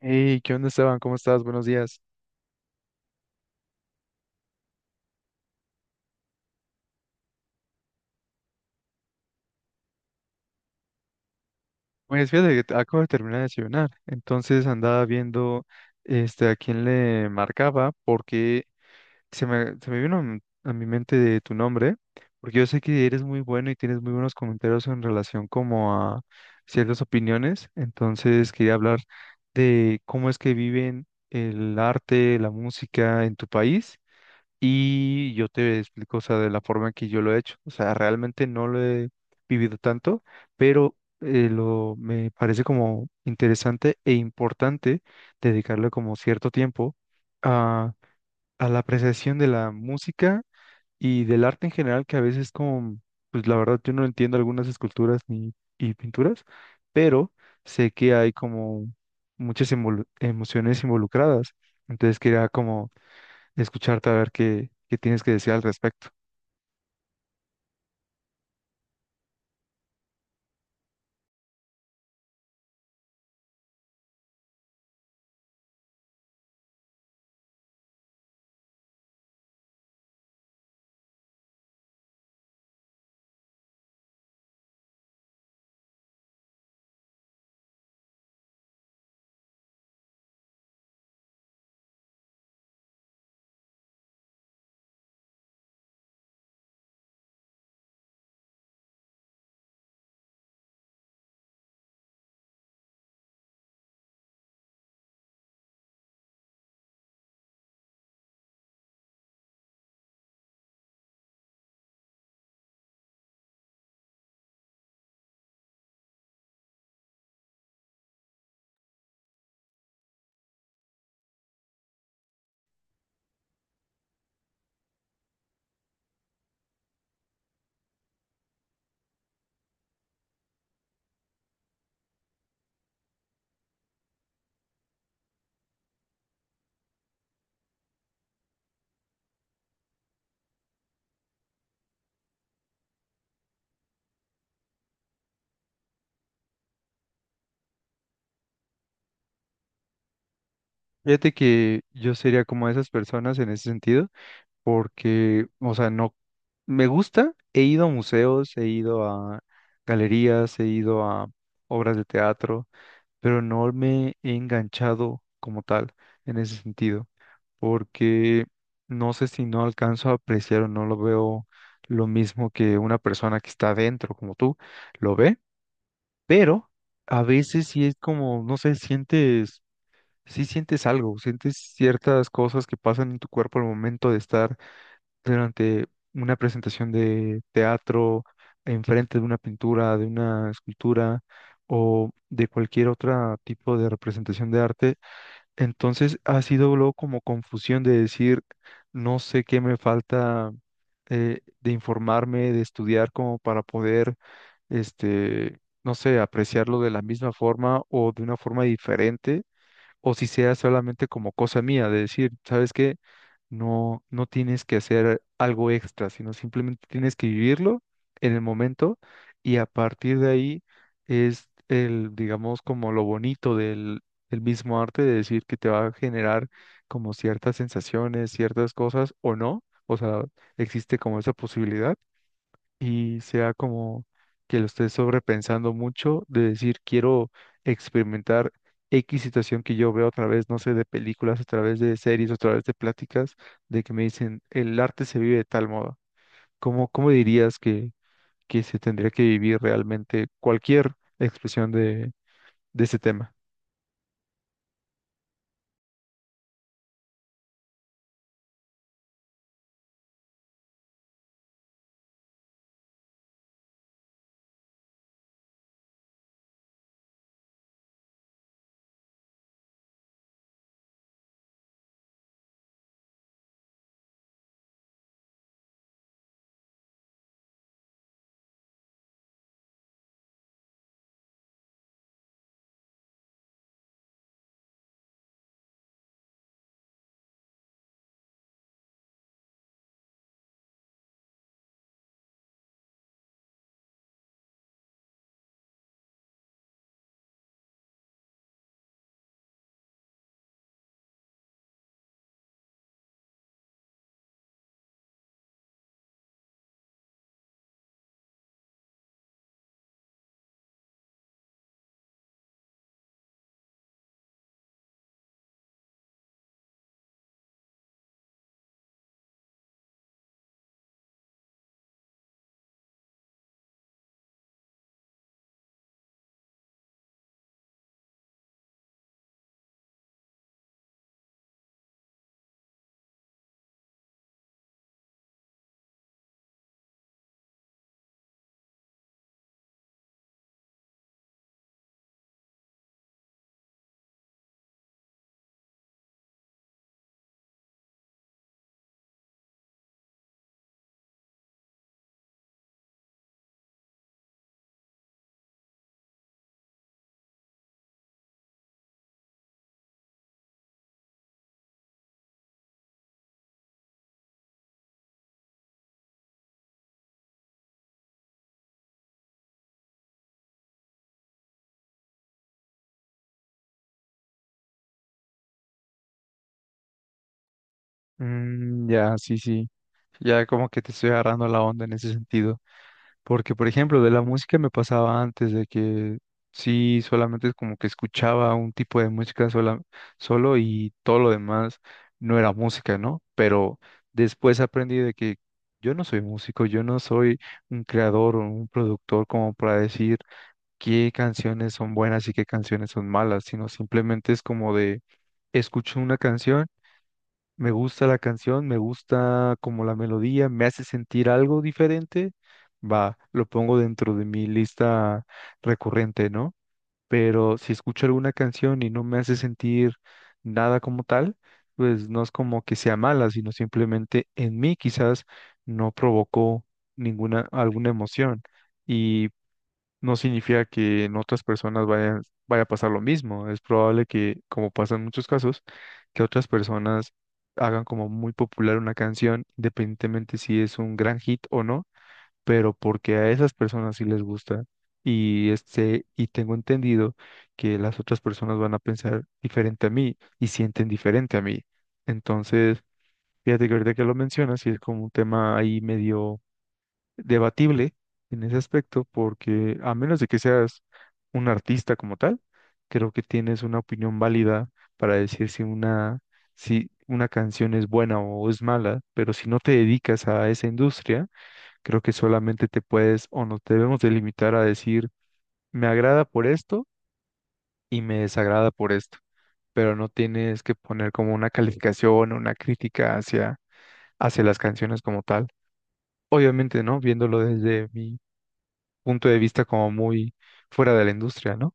Hey, ¿qué onda, Esteban? ¿Cómo estás? Buenos días. Pues fíjate que acabo de terminar de desayunar, entonces andaba viendo este, a quién le marcaba porque se me vino a mi mente de tu nombre, porque yo sé que eres muy bueno y tienes muy buenos comentarios en relación como a ciertas opiniones, entonces quería hablar de cómo es que viven el arte, la música en tu país. Y yo te explico, o sea, de la forma en que yo lo he hecho. O sea, realmente no lo he vivido tanto, pero me parece como interesante e importante dedicarle como cierto tiempo a, a la apreciación de la música y del arte en general, que a veces como, pues la verdad yo no entiendo algunas esculturas ni, y pinturas, pero sé que hay como emociones involucradas. Entonces quería como escucharte a ver qué tienes que decir al respecto. Fíjate que yo sería como esas personas en ese sentido, porque, o sea, no me gusta, he ido a museos, he ido a galerías, he ido a obras de teatro, pero no me he enganchado como tal en ese sentido, porque no sé si no alcanzo a apreciar o no lo veo lo mismo que una persona que está dentro como tú lo ve, pero a veces sí es como, no sé, sientes Sí sientes algo, sientes ciertas cosas que pasan en tu cuerpo al momento de estar durante una presentación de teatro, enfrente de una pintura, de una escultura o de cualquier otro tipo de representación de arte. Entonces ha sido luego como confusión de decir, no sé qué me falta, de informarme, de estudiar como para poder, este, no sé, apreciarlo de la misma forma o de una forma diferente, o si sea solamente como cosa mía, de decir, ¿sabes qué? No, no tienes que hacer algo extra, sino simplemente tienes que vivirlo en el momento y a partir de ahí es el, digamos, como lo bonito del mismo arte, de decir que te va a generar como ciertas sensaciones, ciertas cosas o no, o sea, existe como esa posibilidad y sea como que lo estés sobrepensando mucho de decir, quiero experimentar X situación que yo veo a través, no sé, de películas, a través de series, a través de pláticas, de que me dicen, el arte se vive de tal modo. Cómo dirías que se tendría que vivir realmente cualquier expresión de ese tema? Mm, ya, sí, sí, ya como que te estoy agarrando la onda en ese sentido. Porque, por ejemplo, de la música me pasaba antes de que sí, solamente es como que escuchaba un tipo de música sola, solo y todo lo demás no era música, ¿no? Pero después aprendí de que yo no soy músico, yo no soy un creador o un productor como para decir qué canciones son buenas y qué canciones son malas, sino simplemente es como de escucho una canción. Me gusta la canción, me gusta como la melodía, me hace sentir algo diferente. Va, lo pongo dentro de mi lista recurrente, ¿no? Pero si escucho alguna canción y no me hace sentir nada como tal, pues no es como que sea mala, sino simplemente en mí quizás no provocó ninguna, alguna emoción. Y no significa que en otras personas vaya a pasar lo mismo. Es probable que, como pasa en muchos casos, que otras personas hagan como muy popular una canción, independientemente si es un gran hit o no, pero porque a esas personas sí les gusta. Y este, y tengo entendido que las otras personas van a pensar diferente a mí y sienten diferente a mí. Entonces, fíjate que ahorita que lo mencionas, sí es como un tema ahí medio debatible en ese aspecto porque a menos de que seas un artista como tal, creo que tienes una opinión válida para decir si si una canción es buena o es mala, pero si no te dedicas a esa industria, creo que solamente te puedes o nos debemos delimitar a decir me agrada por esto y me desagrada por esto, pero no tienes que poner como una calificación o una crítica hacia las canciones como tal. Obviamente, ¿no? Viéndolo desde mi punto de vista como muy fuera de la industria, ¿no?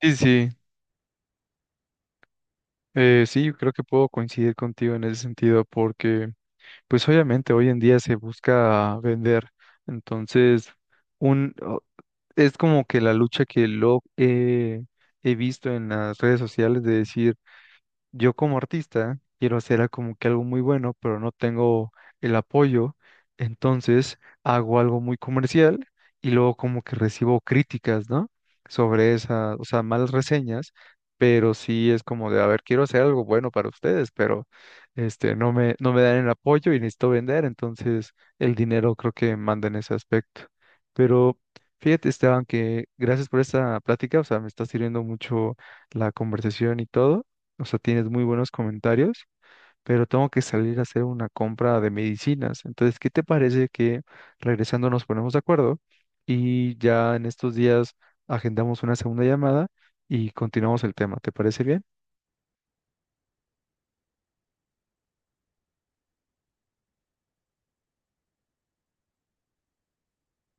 Sí, sí, sí, yo creo que puedo coincidir contigo en ese sentido porque, pues obviamente hoy en día se busca vender, entonces un, o- es como que la lucha que lo he he visto en las redes sociales de decir, yo como artista quiero como que algo muy bueno, pero no tengo el apoyo, entonces hago algo muy comercial y luego como que recibo críticas, ¿no? Sobre esa, o sea, malas reseñas, pero sí es como de, a ver, quiero hacer algo bueno para ustedes, pero este, no me dan el apoyo y necesito vender, entonces el dinero creo que manda en ese aspecto. Pero fíjate, Esteban, que gracias por esta plática, o sea, me está sirviendo mucho la conversación y todo, o sea, tienes muy buenos comentarios, pero tengo que salir a hacer una compra de medicinas. Entonces, ¿qué te parece que regresando nos ponemos de acuerdo y ya en estos días agendamos una segunda llamada y continuamos el tema? ¿Te parece bien?